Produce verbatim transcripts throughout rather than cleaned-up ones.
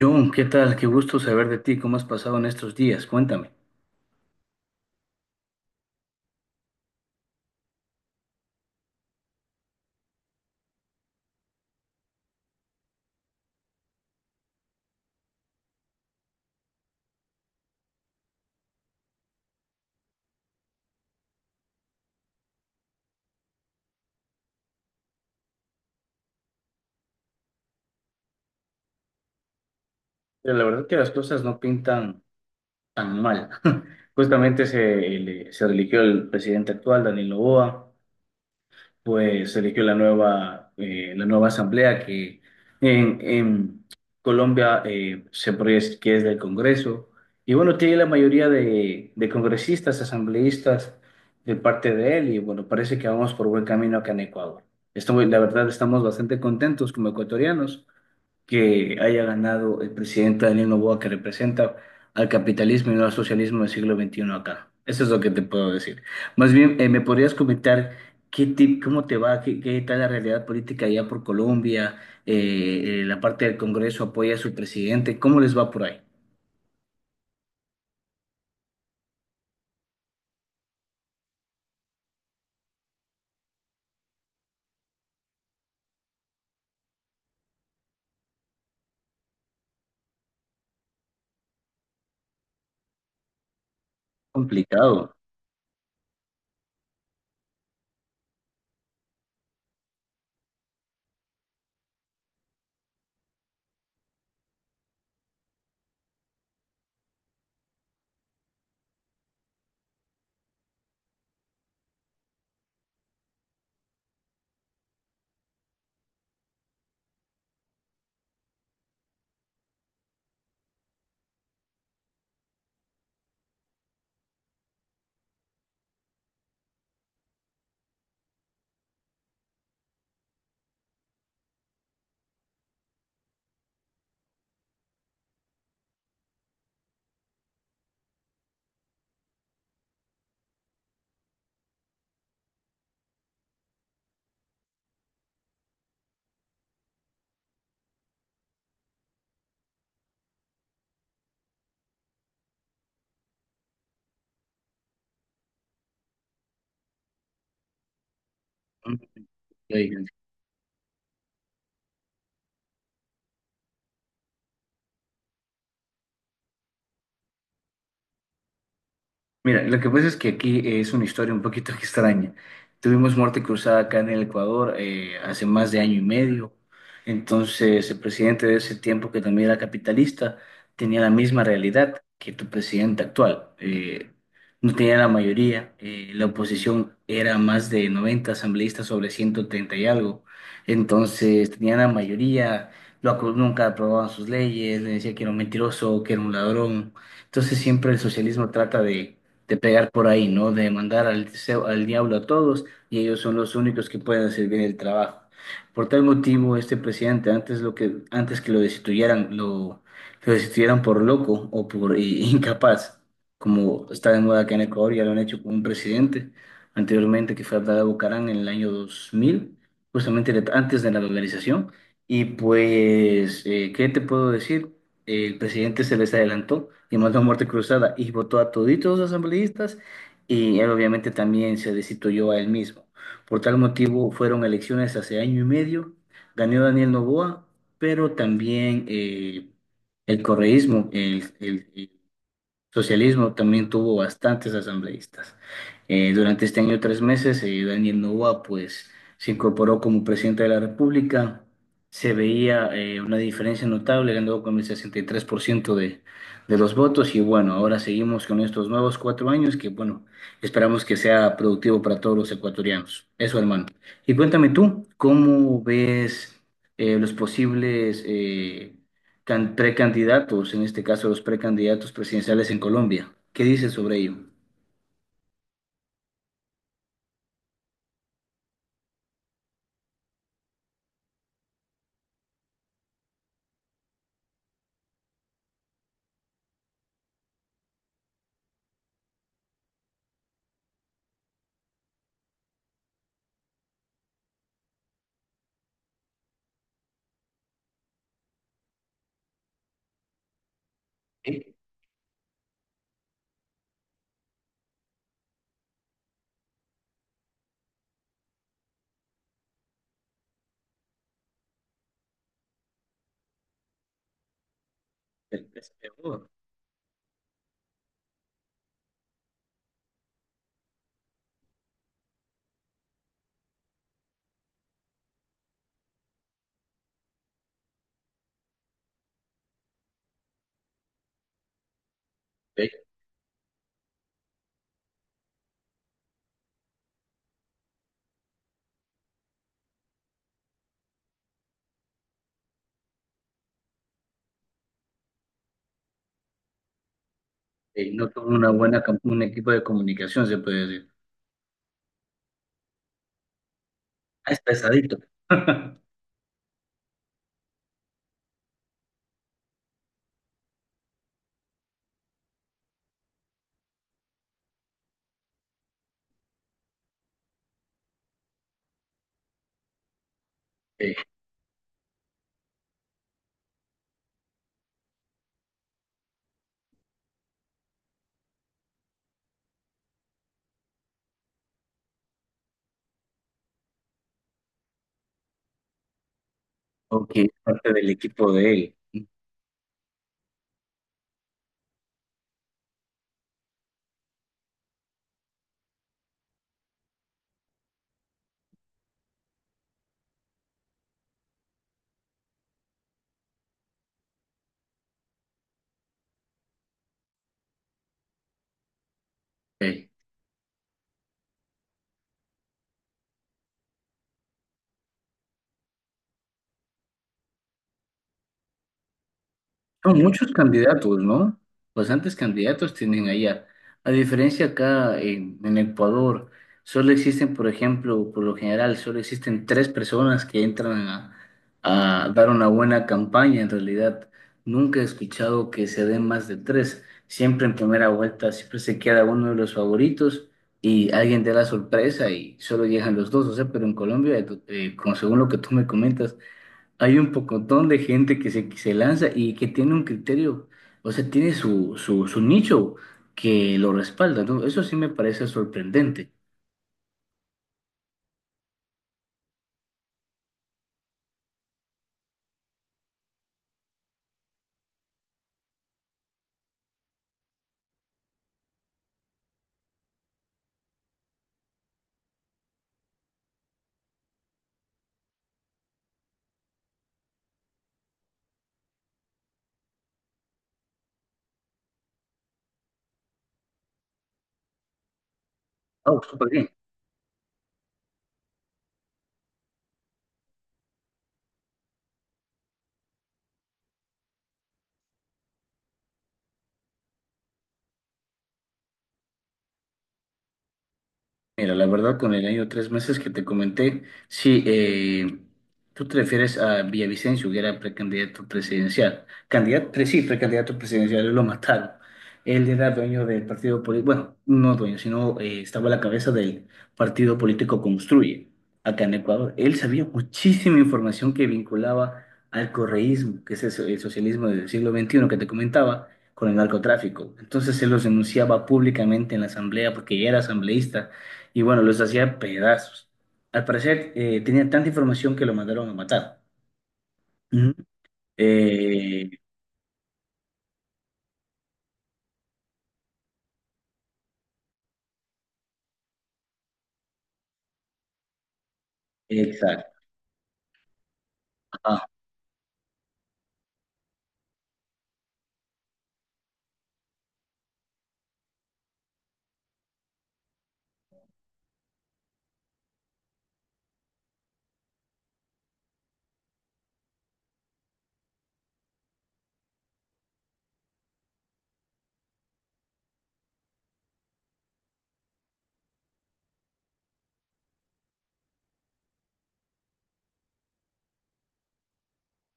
John, ¿qué tal? Qué gusto saber de ti. ¿Cómo has pasado en estos días? Cuéntame. Pero la verdad que las cosas no pintan tan mal. Justamente se, eh, le- se religió el presidente actual, Daniel Noboa. Pues se eligió la nueva, eh, la nueva asamblea que en, en Colombia, eh, se proyecta que es del Congreso. Y bueno, tiene la mayoría de, de congresistas, asambleístas de parte de él y bueno, parece que vamos por buen camino acá en Ecuador. Estamos, la verdad, estamos bastante contentos como ecuatorianos que haya ganado el presidente Daniel Noboa que representa al capitalismo y no al socialismo del siglo veintiuno acá. Eso es lo que te puedo decir. Más bien, eh, ¿me podrías comentar qué ti- cómo te va, qué, qué tal la realidad política allá por Colombia? Eh, eh, la parte del Congreso apoya a su presidente. ¿Cómo les va por ahí? Complicado. Ok. Mira, lo que pasa es que aquí es una historia un poquito extraña. Tuvimos muerte cruzada acá en el Ecuador, eh, hace más de año y medio. Entonces, el presidente de ese tiempo, que también era capitalista, tenía la misma realidad que tu presidente actual. Eh, no tenía la mayoría. Eh, la oposición era más de noventa asambleístas sobre ciento treinta y algo. Entonces, tenían la mayoría. Lo, acu- nunca aprobaban sus leyes. Le decía que era un mentiroso, que era un ladrón. Entonces, siempre el socialismo trata de de pegar por ahí, ¿no? De mandar al, se- al diablo a todos y ellos son los únicos que pueden hacer bien el trabajo. Por tal motivo, este presidente, antes, lo que, antes que lo destituyeran, lo, lo destituyeran por loco o por i- incapaz, como está de moda acá en Ecuador, ya lo han hecho con un presidente anteriormente que fue Abdalá Bucarán en el año dos mil, justamente de- antes de la dolarización. Y pues, eh, ¿qué te puedo decir? El presidente se les adelantó y mandó a muerte cruzada y votó a toditos los asambleístas y él obviamente también se destituyó a él mismo. Por tal motivo fueron elecciones hace año y medio, ganó Daniel Noboa, pero también eh, el correísmo, el, el- el socialismo también tuvo bastantes asambleístas. Eh, durante este año tres meses, eh, Daniel Noboa pues, se incorporó como presidente de la República. Se veía, eh, una diferencia notable, ganó con el sesenta y tres por ciento de, de los votos y bueno, ahora seguimos con estos nuevos cuatro años que bueno, esperamos que sea productivo para todos los ecuatorianos. Eso, hermano. Y cuéntame tú, ¿cómo ves, eh, los posibles... eh, can- precandidatos, en este caso los precandidatos presidenciales en Colombia? ¿Qué dices sobre ello? Sí, el P S P U, eh, eh, no tuvo una buena, cam- un equipo de comunicación, se puede decir. Ah, es pesadito. Eh, Ok, parte del equipo de él. Ok. Son muchos candidatos, ¿no? Bastantes candidatos tienen allá. A diferencia acá en, en Ecuador, solo existen, por ejemplo, por lo general, solo existen tres personas que entran a, a dar una buena campaña. En realidad, nunca he escuchado que se den más de tres. Siempre en primera vuelta, siempre se queda uno de los favoritos y alguien te da la sorpresa y solo llegan los dos. O sea, pero en Colombia, eh, como según lo que tú me comentas, hay un pocotón de gente que se, que se lanza y que tiene un criterio, o sea, tiene su, su, su nicho que lo respalda, ¿no? Eso sí me parece sorprendente. Ah, súper bien. Mira, la verdad, con el año de tres meses que te comenté, sí, eh, tú te refieres a Villavicencio, que era precandidato presidencial. Candidato, pre- sí, precandidato presidencial, lo mataron. Él era dueño del partido político, bueno, no dueño, sino, eh, estaba a la cabeza del partido político Construye, acá en Ecuador. Él sabía muchísima información que vinculaba al correísmo, que es el so- el socialismo del siglo veintiuno que te comentaba, con el narcotráfico. Entonces él los denunciaba públicamente en la asamblea porque ya era asambleísta y bueno, los hacía pedazos. Al parecer, eh, tenía tanta información que lo mandaron a matar. Ujú. Eh, exacto. Ah,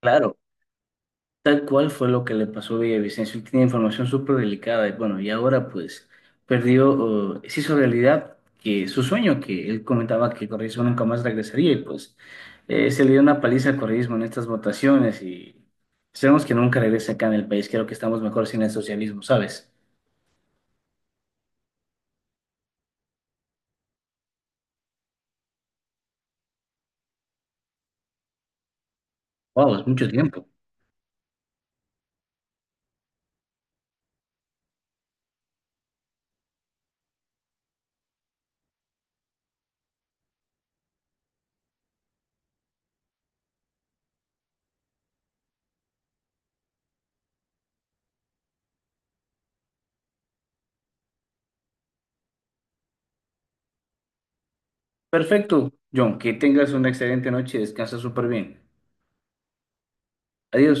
claro. Tal cual fue lo que le pasó a Villavicencio. Él tenía información súper delicada y bueno, y ahora pues perdió, eh, se hizo realidad que su sueño, que él comentaba que Correísmo nunca más regresaría y pues, eh, se le dio una paliza a Correísmo en estas votaciones y sabemos que nunca regresa acá en el país. Creo que estamos mejor sin el socialismo, ¿sabes? Wow, es mucho tiempo. Perfecto, John, que tengas una excelente noche y descansa súper bien. Adiós.